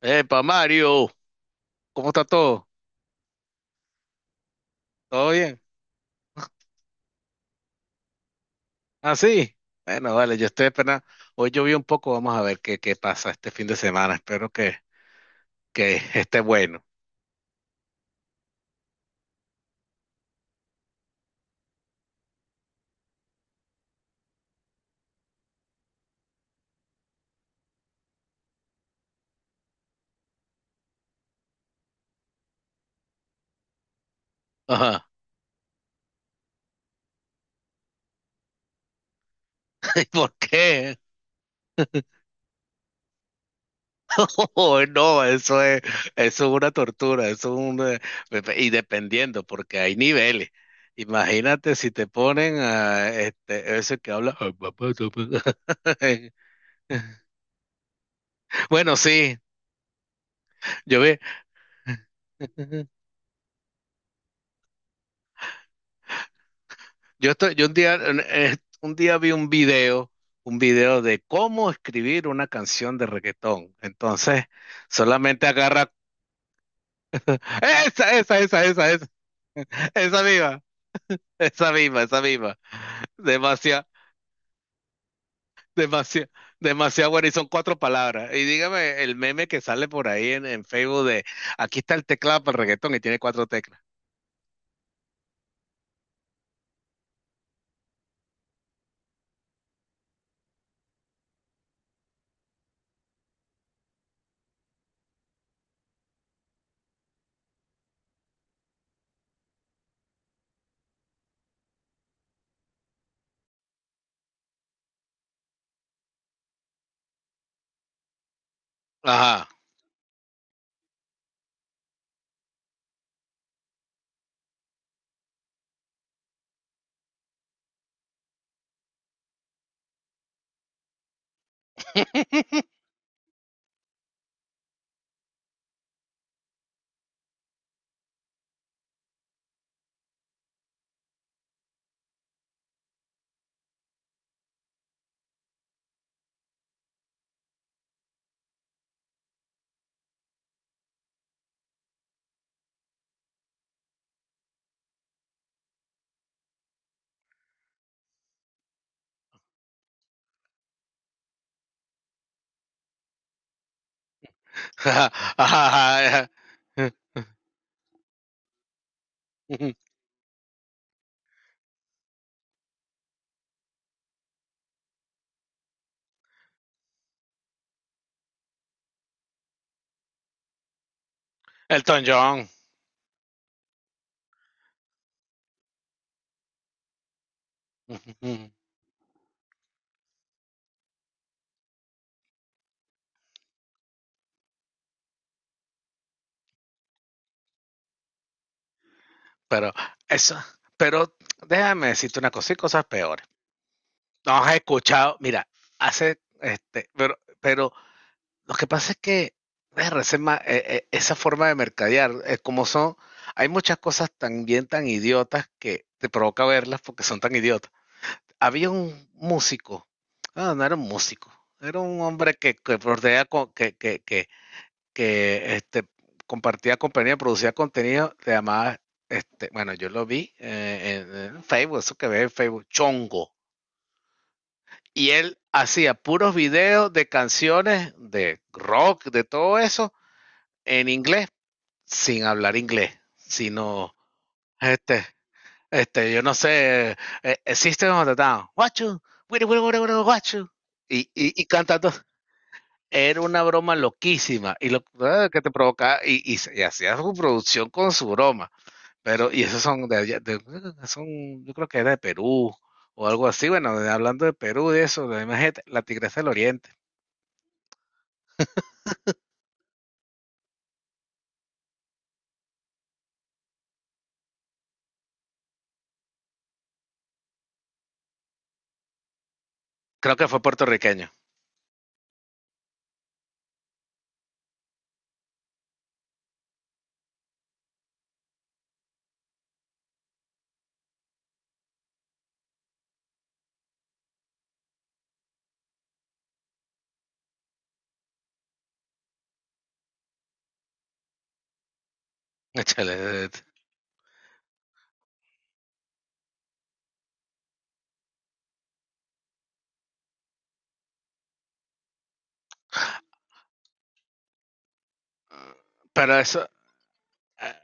Epa, Mario, ¿cómo está todo? ¿Todo bien? ¿Ah, sí? Bueno, vale, yo estoy esperando. Hoy llovió un poco, vamos a ver qué pasa este fin de semana. Espero que esté bueno. Ajá. ¿Y por qué? Oh, no, eso es una tortura, eso es un... Y dependiendo, porque hay niveles. Imagínate si te ponen a ese que habla... Bueno, sí, yo vi... Yo estoy, yo un día, eh, un día vi un video de cómo escribir una canción de reggaetón. Entonces, solamente agarra esa esa misma, esa misma. Demasiado, demasiado, demasiado bueno. Y son cuatro palabras. Y dígame el meme que sale por ahí en Facebook de aquí está el teclado para el reggaetón y tiene cuatro teclas. Ajá. Ajá, ajá, ajá. Elton John. Pero eso, pero déjame decirte una cosa, y cosas peores. Nos has escuchado, mira, pero lo que pasa es que verga, esa forma de mercadear, como son, hay muchas cosas también tan idiotas que te provoca verlas porque son tan idiotas. Había un músico, ah, no era un músico, era un hombre que bordea con- que este, compartía compañía, producía contenido, se llamaba, este, bueno, yo lo vi en Facebook, eso que ve en Facebook, Chongo. Y él hacía puros videos de canciones, de rock, de todo eso, en inglés, sin hablar inglés, sino, este, yo no sé, existe System of a Down, Watch you, wiri, watch you. Y cantando, era una broma loquísima y que te provocaba y hacía su producción con su broma. Pero, y esos son de allá, son, yo creo que era de Perú o algo así. Bueno, de- hablando de Perú, de eso, de, imagínate, la Tigresa del Oriente. Creo que fue puertorriqueño. Échale, eh, eh, Pero eso, eh,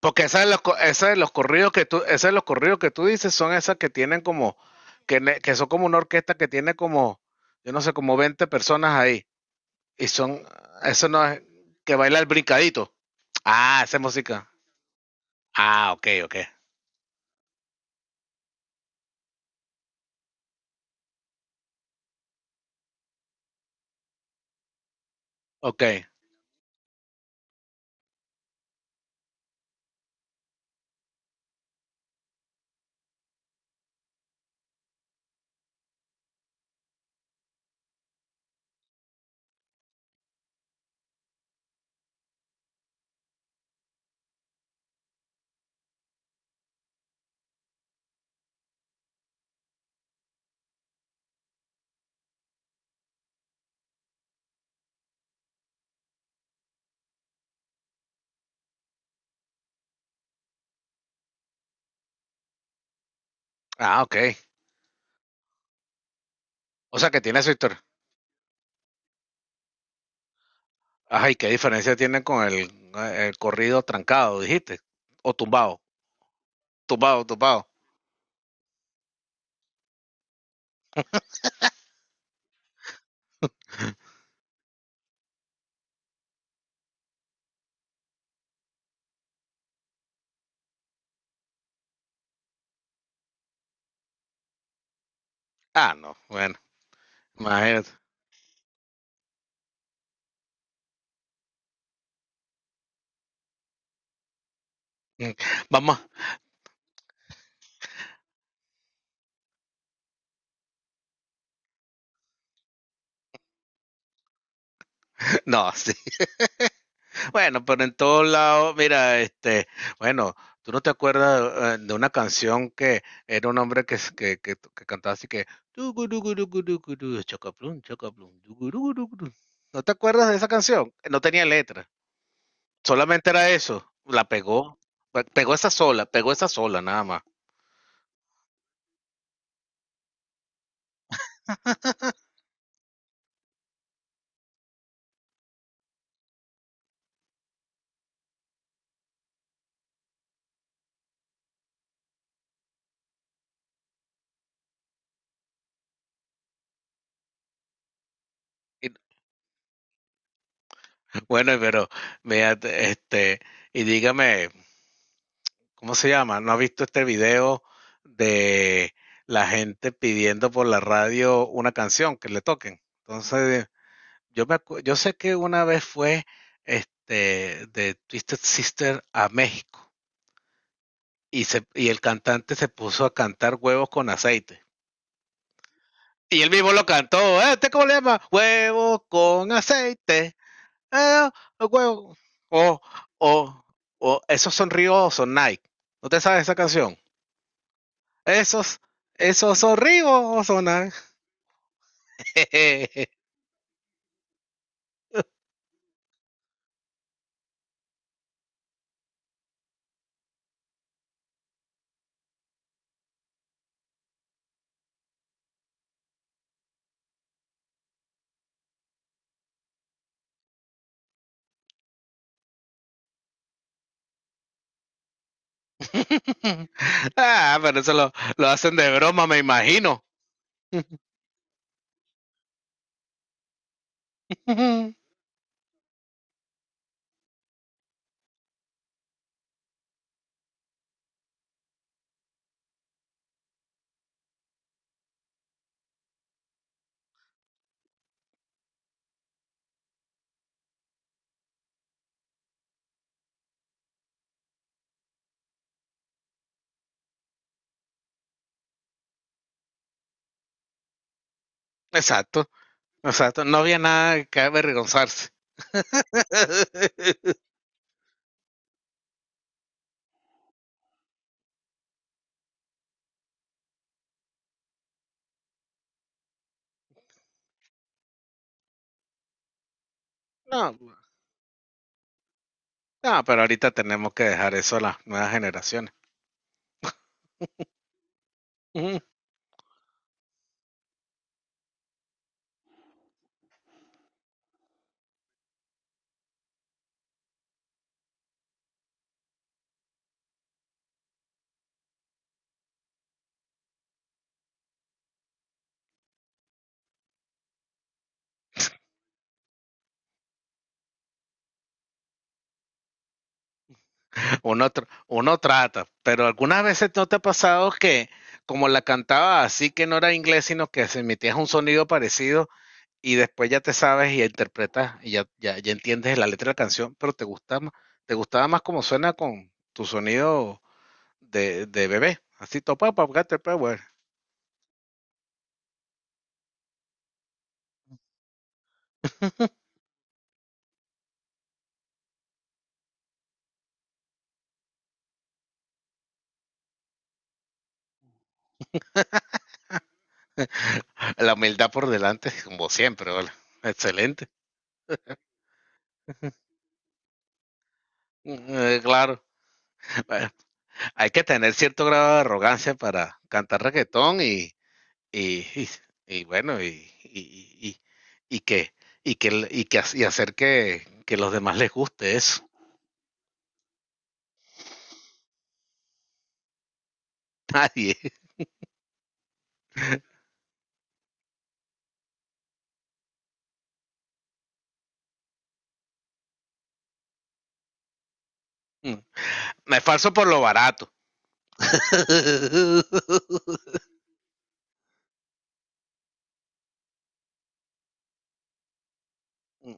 porque esa de los, esa de los corridos que tú dices son esas que tienen como, que son como una orquesta que tiene como, yo no sé, como 20 personas ahí. Y son, eso no es que baila el brincadito. Ah, esa es música. Ah, ok, ok. Ok. Ah, ok. O sea que tiene su historia. Ay, ¿qué diferencia tiene con el corrido trancado, dijiste? O tumbado. Tumbado. Ah, no, bueno, imagínate. Mm, vamos, no, sí. Bueno, pero en todos lados, mira, este, bueno, tú no te acuerdas de una canción que era un hombre que cantaba así que "Tugurugurugurugurugu, chocaplum, chocaplum, tugurugurugurugu". ¿No te acuerdas de esa canción? No tenía letra, solamente era eso. La pegó, pegó esa sola nada más. Y- bueno, pero mira, este, y dígame. ¿Cómo se llama? ¿No has visto este video de la gente pidiendo por la radio una canción que le toquen? Entonces, yo sé que una vez fue este de Twisted Sister a México y el cantante se puso a cantar huevos con aceite. Y él mismo lo cantó, ¿este cómo le llama? Huevos con aceite. Eh, huevo. O, o, o, esos son ríos son Nike. ¿No te sabes esa canción? Esos, esos horribos son. Ah. Ah, pero lo hacen de broma, me imagino. Exacto, exacto. No había nada que avergonzarse. No, no, pero ahorita tenemos que dejar eso a las nuevas generaciones. Uno, uno trata, pero algunas veces no te ha pasado que, como la cantaba así que no era inglés, sino que se emitía un sonido parecido, y después ya te sabes y interpretas y ya entiendes la letra de la canción, pero te gusta más, te gustaba más como suena con tu sonido de bebé. Así topa, papgate, power. La humildad por delante, como siempre, ¿vale? Excelente. Claro. Bueno, hay que tener cierto grado de arrogancia para cantar reggaetón y, y, y bueno, y, y, y que, y que, y que y hacer que los demás les guste eso. Nadie. Mm. Me falso por lo barato.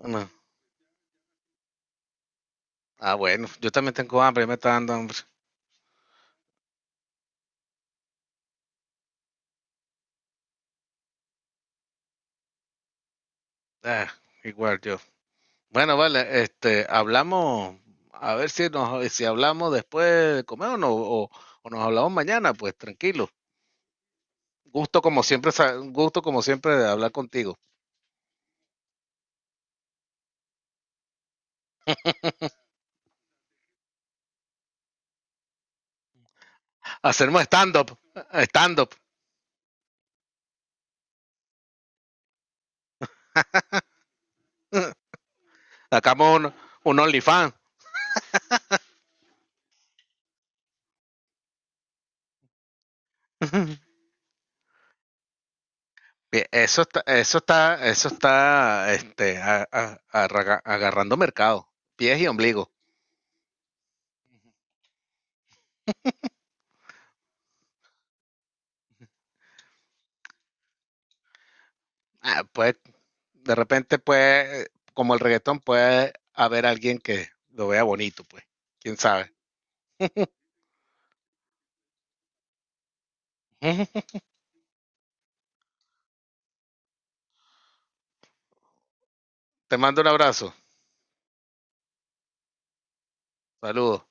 No. Ah, bueno, yo también tengo hambre, me está dando hambre. Ah, igual yo. Bueno, vale, este, hablamos, a ver si nos, si hablamos después de comer o, no, o nos hablamos mañana, pues tranquilo. Gusto como siempre, gusto como siempre de hablar contigo. Hacemos stand-up, stand-up. Sacamos un OnlyFans. Bien, eso está, agarrando mercado, pies y ombligo. Ah, pues, de repente, pues, como el reggaetón, puede haber alguien que lo vea bonito, pues. ¿Quién sabe? Te mando un abrazo. Saludos.